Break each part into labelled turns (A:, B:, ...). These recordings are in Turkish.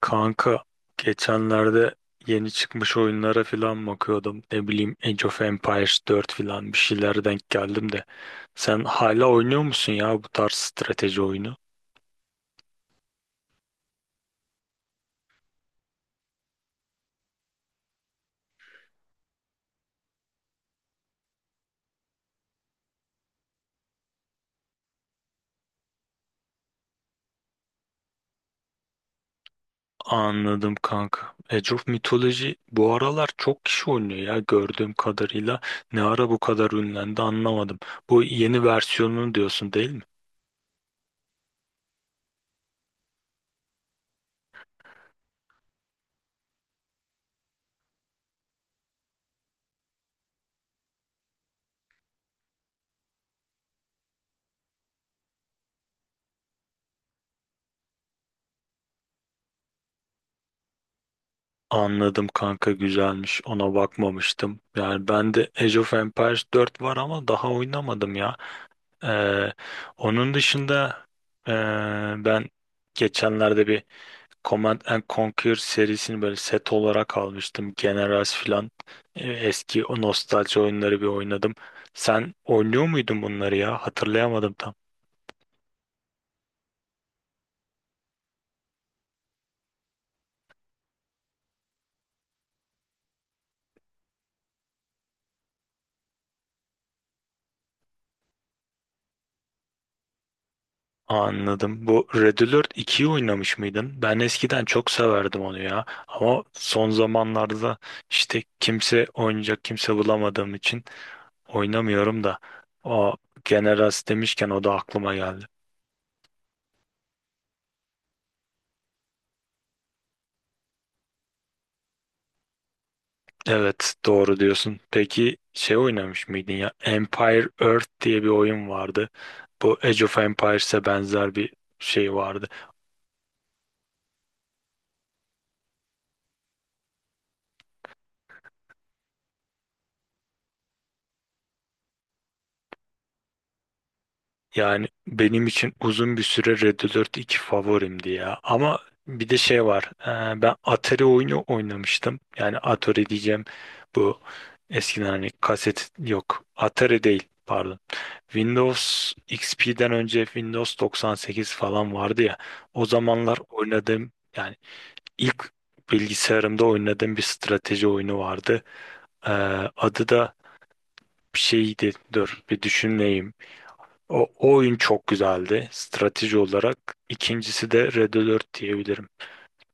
A: Kanka geçenlerde yeni çıkmış oyunlara falan bakıyordum. Ne bileyim Age of Empires 4 falan bir şeylere denk geldim de. Sen hala oynuyor musun ya bu tarz strateji oyunu? Anladım kanka. Age of Mythology bu aralar çok kişi oynuyor ya gördüğüm kadarıyla. Ne ara bu kadar ünlendi anlamadım. Bu yeni versiyonunu diyorsun değil mi? Anladım kanka, güzelmiş. Ona bakmamıştım. Yani ben de Age of Empires 4 var ama daha oynamadım ya. Ee, Onun dışında ee, ben geçenlerde bir Command and Conquer serisini böyle set olarak almıştım. Generals filan. Eski o nostalji oyunları bir oynadım. Sen oynuyor muydun bunları ya? Hatırlayamadım tam. Anladım. Bu Red Alert 2'yi oynamış mıydın? Ben eskiden çok severdim onu ya. Ama son zamanlarda işte kimse oynayacak kimse bulamadığım için oynamıyorum da. O Generals demişken o da aklıma geldi. Evet, doğru diyorsun. Peki şey oynamış mıydın ya? Empire Earth diye bir oyun vardı. Bu Age of Empires'e benzer bir şey vardı. Yani benim için uzun bir süre Red Alert iki favorimdi ya. Ama bir de şey var. Ben Atari oyunu oynamıştım. Yani Atari diyeceğim, bu eskiden hani kaset yok. Atari değil, pardon. Windows XP'den önce Windows 98 falan vardı ya. O zamanlar oynadığım, yani İlk bilgisayarımda oynadığım bir strateji oyunu vardı. Ee, Adı da bir şeydi. Dur bir düşüneyim. O oyun çok güzeldi strateji olarak. İkincisi de Red Alert diyebilirim.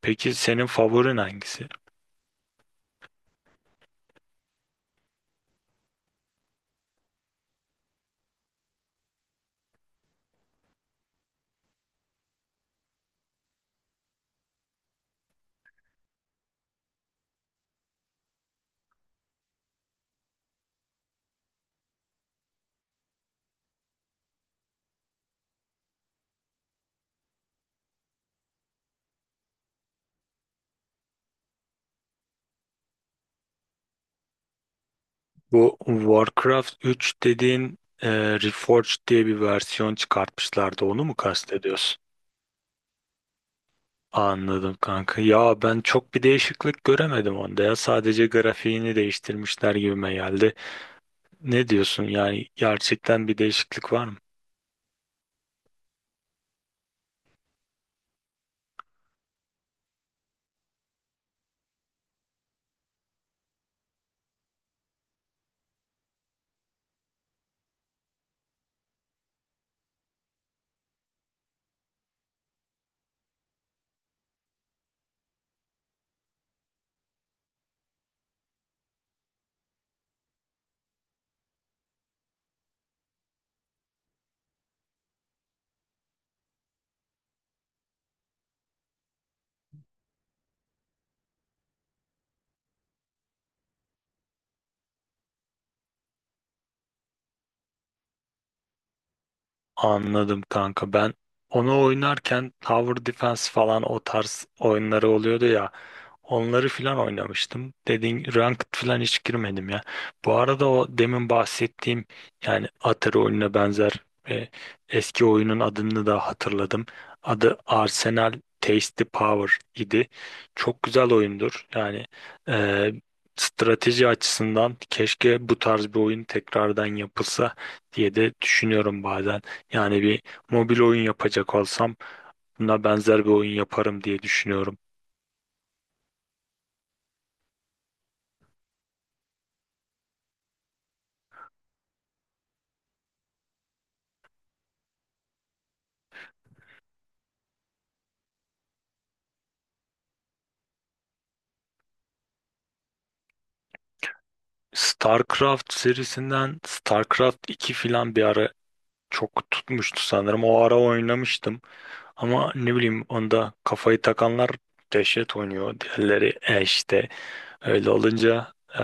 A: Peki senin favorin hangisi? Bu Warcraft 3 dediğin, Reforged diye bir versiyon çıkartmışlardı. Onu mu kastediyorsun? Anladım kanka. Ya ben çok bir değişiklik göremedim onda ya. Sadece grafiğini değiştirmişler gibime geldi. Ne diyorsun, yani gerçekten bir değişiklik var mı? Anladım kanka, ben onu oynarken Tower Defense falan o tarz oyunları oluyordu ya. Onları filan oynamıştım. Dediğin ranked filan hiç girmedim ya. Bu arada o demin bahsettiğim, yani Atari oyununa benzer e, eski oyunun adını da hatırladım. Adı Arsenal Tasty Power idi. Çok güzel oyundur. Yani e, strateji açısından keşke bu tarz bir oyun tekrardan yapılsa diye de düşünüyorum bazen. Yani bir mobil oyun yapacak olsam buna benzer bir oyun yaparım diye düşünüyorum. StarCraft serisinden StarCraft 2 filan bir ara çok tutmuştu sanırım. O ara oynamıştım. Ama ne bileyim onda kafayı takanlar dehşet oynuyor. Diğerleri işte öyle olunca e,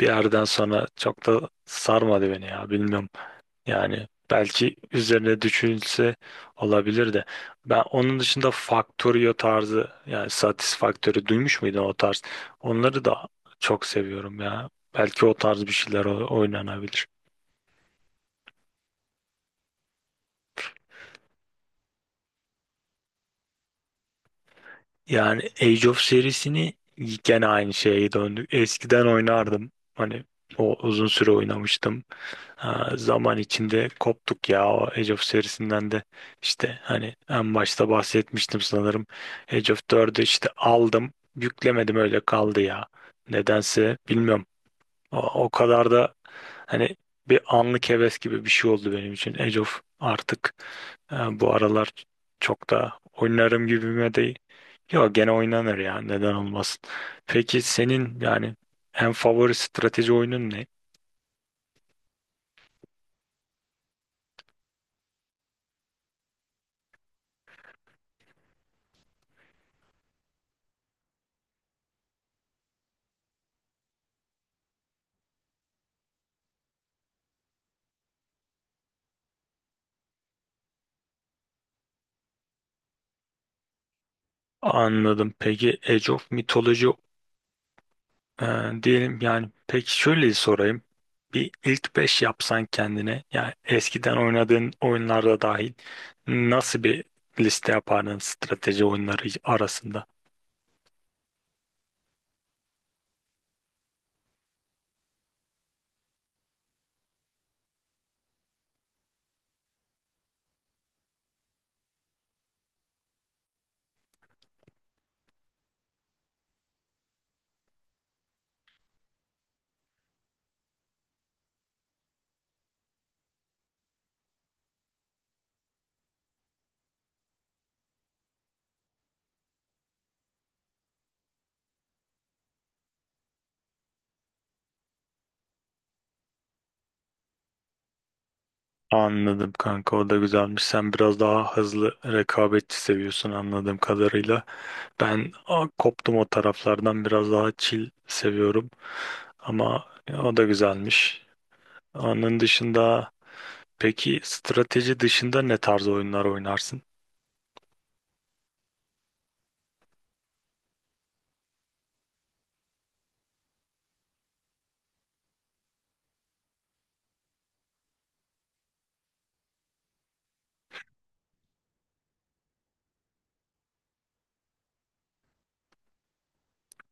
A: bir yerden sonra çok da sarmadı beni ya. Bilmiyorum. Yani belki üzerine düşünülse olabilir de. Ben onun dışında Factorio tarzı, yani Satisfactory duymuş muydun o tarz? Onları da çok seviyorum ya. Belki o tarz bir şeyler oynanabilir. Yani Age of serisini, gene aynı şeye döndük. Eskiden oynardım. Hani o uzun süre oynamıştım. Ha, zaman içinde koptuk ya o Age of serisinden de. İşte hani en başta bahsetmiştim sanırım, Age of 4'ü işte aldım, yüklemedim, öyle kaldı ya nedense, bilmiyorum. O, o kadar da hani bir anlık heves gibi bir şey oldu benim için Age of artık. Bu aralar çok da oynarım gibime değil, yok gene oynanır ya, neden olmasın. Peki senin yani en favori strateji oyunun ne? Anladım. Peki Age of Mythology, e, diyelim yani, peki şöyle sorayım. Bir ilk 5 yapsan kendine, yani eskiden oynadığın oyunlarda dahil, nasıl bir liste yapardın strateji oyunları arasında? Anladım kanka, o da güzelmiş. Sen biraz daha hızlı rekabetçi seviyorsun anladığım kadarıyla. Ben koptum o taraflardan, biraz daha chill seviyorum. Ama o da güzelmiş. Onun dışında. Peki strateji dışında ne tarz oyunlar oynarsın?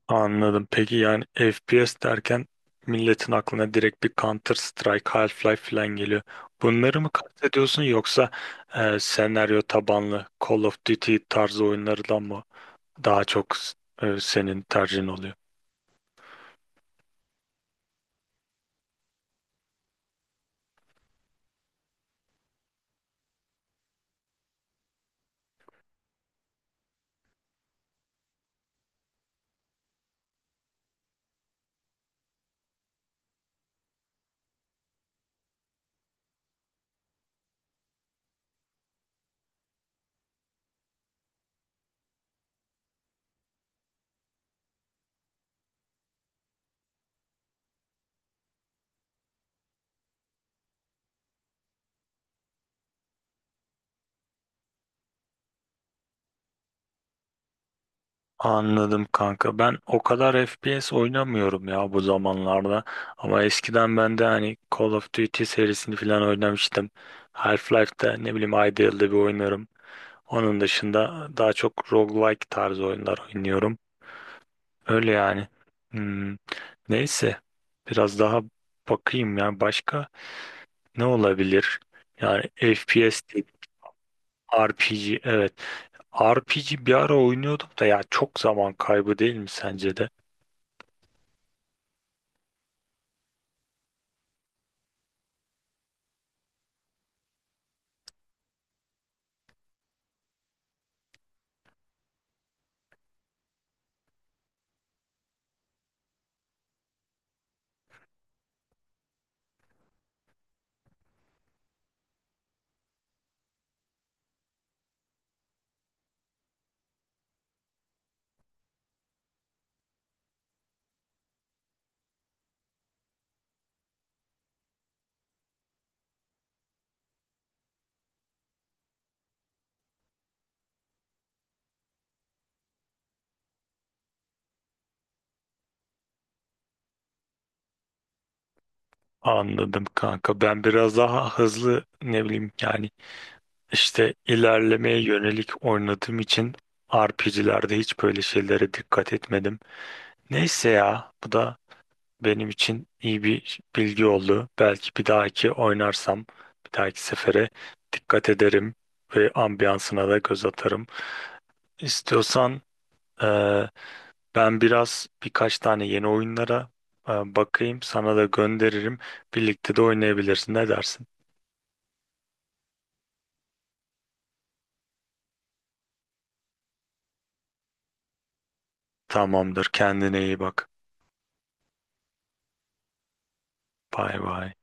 A: Anladım. Peki yani FPS derken milletin aklına direkt bir Counter Strike, Half-Life falan geliyor. Bunları mı kastediyorsun yoksa senaryo tabanlı Call of Duty tarzı oyunlardan mı daha çok senin tercihin oluyor? Anladım kanka. Ben o kadar FPS oynamıyorum ya bu zamanlarda. Ama eskiden ben de hani Call of Duty serisini falan oynamıştım. Half-Life'da ne bileyim ayda yılda bir oynarım. Onun dışında daha çok roguelike tarzı oyunlar oynuyorum. Öyle yani. Hmm, neyse. Biraz daha bakayım ya. Başka ne olabilir? Yani FPS değil. RPG, evet. RPG bir ara oynuyordum da ya, çok zaman kaybı değil mi sence de? Anladım kanka. Ben biraz daha hızlı, ne bileyim yani işte ilerlemeye yönelik oynadığım için RPG'lerde hiç böyle şeylere dikkat etmedim. Neyse ya, bu da benim için iyi bir bilgi oldu. Belki bir dahaki sefere dikkat ederim ve ambiyansına da göz atarım. İstiyorsan eee, ben biraz birkaç tane yeni oyunlara bakayım, sana da gönderirim. Birlikte de oynayabilirsin. Ne dersin? Tamamdır. Kendine iyi bak. Bay bay.